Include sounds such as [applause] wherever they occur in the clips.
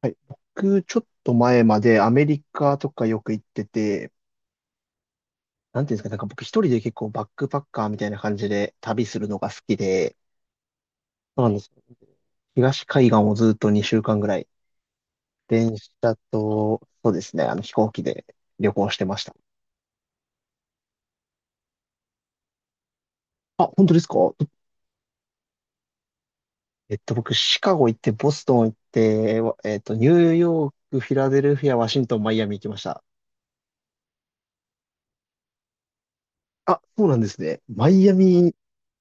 はい。僕、ちょっと前までアメリカとかよく行ってて、なんていうんですかね、僕一人で結構バックパッカーみたいな感じで旅するのが好きで、そうなんですよ。東海岸をずっと2週間ぐらい、電車と、そうですね、飛行機で旅行してました。あ、本当ですか？僕、シカゴ行って、ボストン行って、わえっと、ニューヨーク、フィラデルフィア、ワシントン、マイアミ行きました。あ、そうなんですね。マイアミ、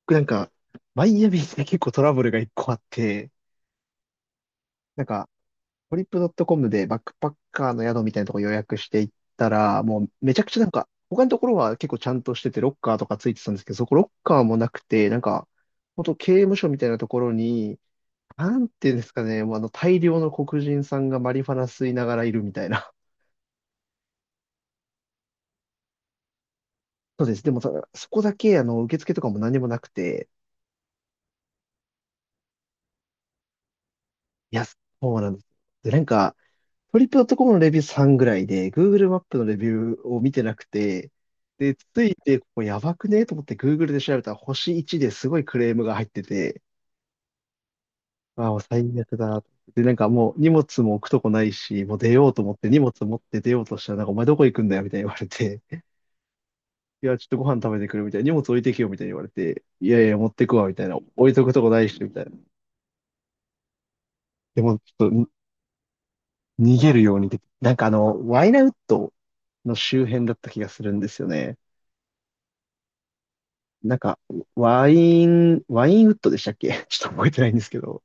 僕なんか、マイアミって結構トラブルが一個あって、なんか、トリップドットコムでバックパッカーの宿みたいなとこ予約していったら、もうめちゃくちゃ、他のところは結構ちゃんとしてて、ロッカーとかついてたんですけど、そこロッカーもなくて、本当刑務所みたいなところに、なんていうんですかね、もう大量の黒人さんがマリファナ吸いながらいるみたいな。[laughs] そうです。でもそこだけ、受付とかも何もなくて、いや、そうなんです。で、トリップドットコムのレビュー3ぐらいで、Google マップのレビューを見てなくて、で、ついて、ここやばくねと思って Google で調べたら星1ですごいクレームが入ってて、ああ、もう最悪だ。で、もう荷物も置くとこないし、もう出ようと思って荷物持って出ようとしたら、お前どこ行くんだよみたいに言われて、[laughs] いや、ちょっとご飯食べてくるみたいな、荷物置いてけよみたいに言われて、いやいや、持ってくわみたいな、置いとくとこないし、みたいな。でも、ちょっとに逃げるように、で、ワイナウッドの周辺だった気がするんですよね。なんか、ワインウッドでしたっけ？ [laughs] ちょっと覚えてないんですけど。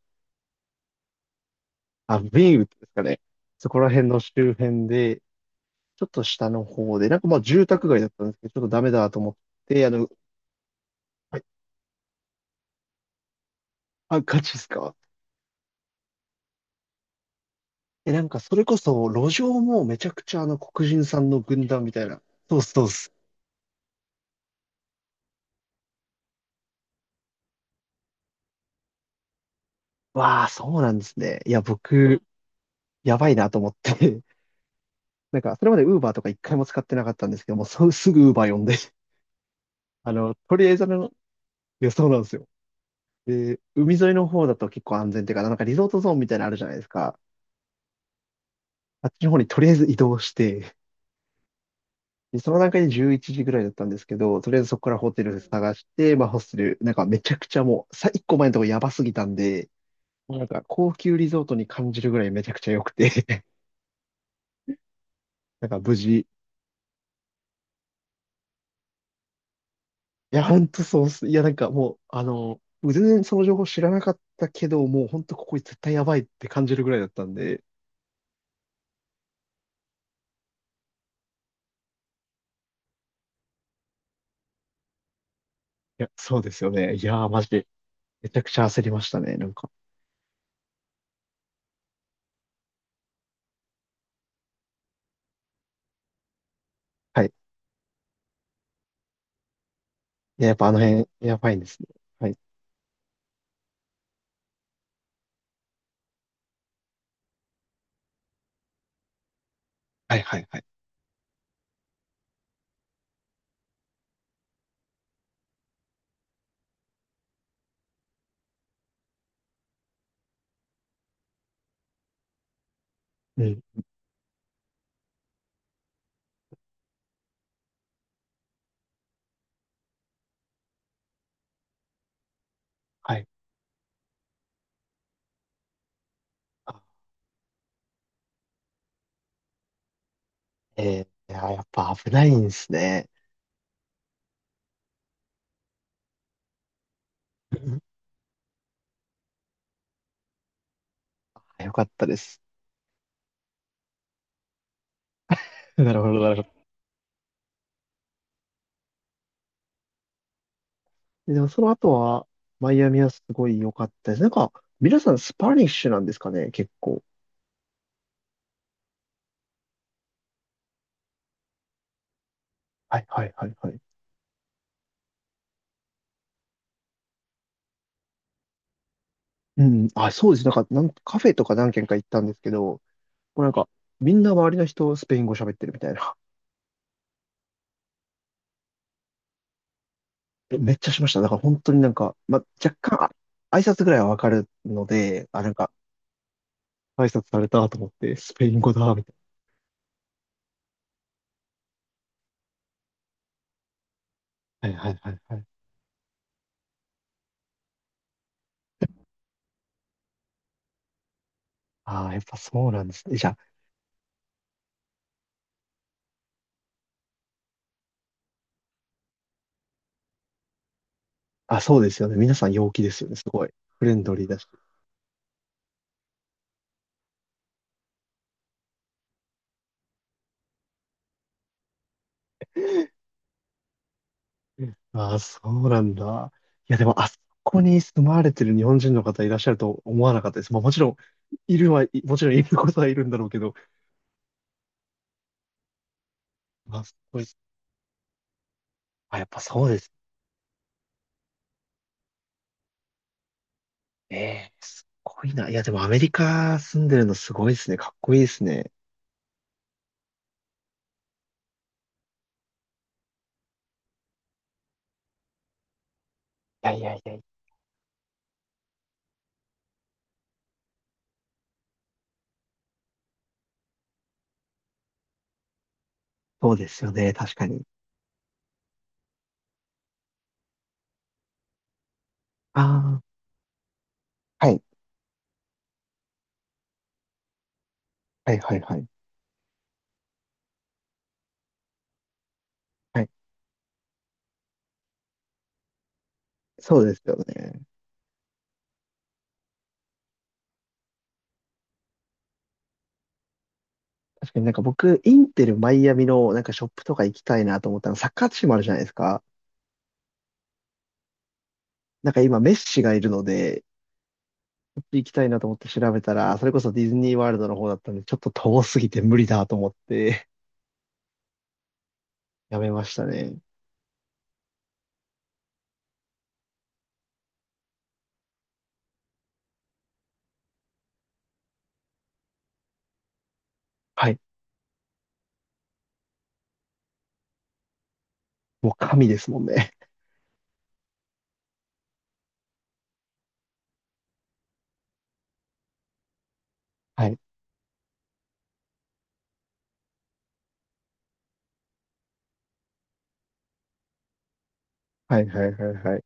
あ、ウィーンウッドですかね。そこら辺の周辺で、ちょっと下の方で、まあ住宅街だったんですけど、ちょっとダメだと思って、あ、あガチですか？え、それこそ路上もめちゃくちゃ黒人さんの軍団みたいな。そうっす、そうっす。わあ、そうなんですね。いや、僕、やばいなと思って。[laughs] それまでウーバーとか一回も使ってなかったんですけども、そうすぐウーバー呼んで、[laughs] あの、とりあえずあの、いや、そうなんですよ。で、海沿いの方だと結構安全っていうか、リゾートゾーンみたいなのあるじゃないですか。あっちの方にとりあえず移動して、で、その段階で11時ぐらいだったんですけど、とりあえずそこからホテル探して、まあホステル、めちゃくちゃもう、1個前のとこやばすぎたんで、もう高級リゾートに感じるぐらいめちゃくちゃ良くて、 [laughs] 無事。いや、ほんとそうっす。いや、なんかもう、あの、全然その情報知らなかったけど、もうほんとここ絶対やばいって感じるぐらいだったんで、いや、そうですよね。いやー、マジで、めちゃくちゃ焦りましたね、はい。いや、やっぱあの辺、やばいんですね。はい。はいはいはい。うん。はい。あ、えー、いや、やっぱ危ないんですね。うん。あ、よかったです。[laughs] なるほど、なるほど。でもその後は、マイアミはすごい良かったです。皆さんスパニッシュなんですかね、結構。はい、はい、はい、はい。うん。あ、そうです。カフェとか何軒か行ったんですけど、もうなんか、みんな周りの人スペイン語喋ってるみたいな。え、めっちゃしました。だから本当に、ま、若干、あ挨拶ぐらいはわかるので、挨拶されたと思って、スペイン語だ、みたいな。はいはいはいはい。ああ、やっぱそうなんですね。じゃあ、あ、そうですよね。皆さん陽気ですよね。すごい。フレンドリーだし。ああ、そうなんだ。いや、でも、あそこに住まわれてる日本人の方いらっしゃると思わなかったです。まあ、もちろん、いるは、いもちろんいることはいるんだろうけど、まあ、すごい。あ、やっぱそうです。ええ、すごいな。いや、でもアメリカ住んでるのすごいですね。かっこいいですね。いやいやいや。そうですよね。確かに。ああ、はい。はいはいはい。はい。そうですよね。確かに僕、インテルマイアミのショップとか行きたいなと思ったの、サッカーチームあるじゃないですか。今メッシがいるので、ちょっと行きたいなと思って調べたら、それこそディズニーワールドの方だったんで、ちょっと遠すぎて無理だと思って、やめましたね。はい。もう神ですもんね。はい。はいはいはいはい。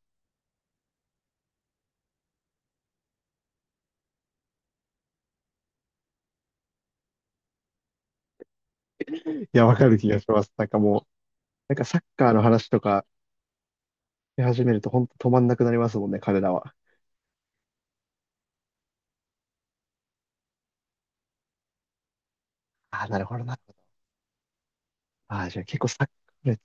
いや、わかる気がします。なんかもう、なんかサッカーの話とかし始めると本当止まんなくなりますもんね、彼らは。ああ、なるほどなるほど。ああ、じゃあ結構サッカー熱、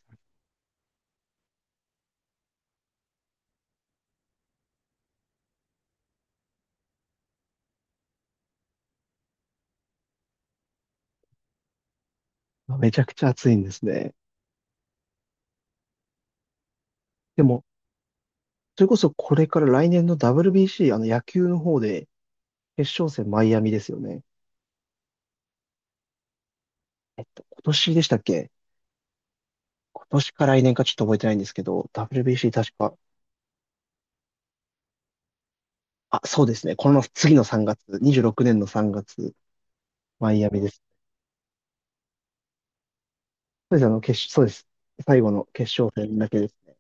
めちゃくちゃ熱いんですね。でもそれこそこれから来年の WBC、野球の方で決勝戦マイアミですよね。えっと、今年でしたっけ？今年か来年かちょっと覚えてないんですけど、WBC 確か、あ、そうですね。この次の3月、26年の3月、マイアミです。そうですね、決勝、そうです。最後の決勝戦だけですね。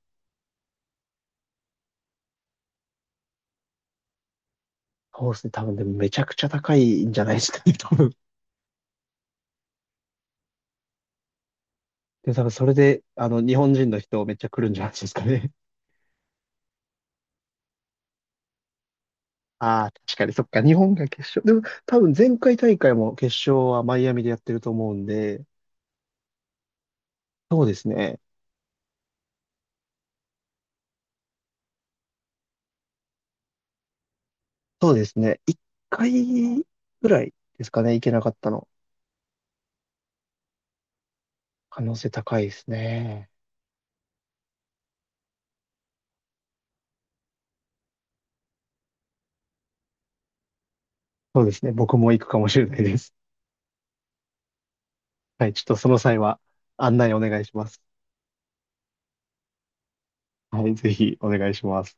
そうですね。多分でもめちゃくちゃ高いんじゃないですかね、多分。で、多分それで、日本人の人めっちゃ来るんじゃないですかね。ああ、確かに、そっか、日本が決勝。でも、多分前回大会も決勝はマイアミでやってると思うんで、そうですね。そうですね。一回ぐらいですかね、行けなかったの。可能性高いですね。そうですね。僕も行くかもしれないです。はい、ちょっとその際は案内お願いします。はい、ぜひお願いします。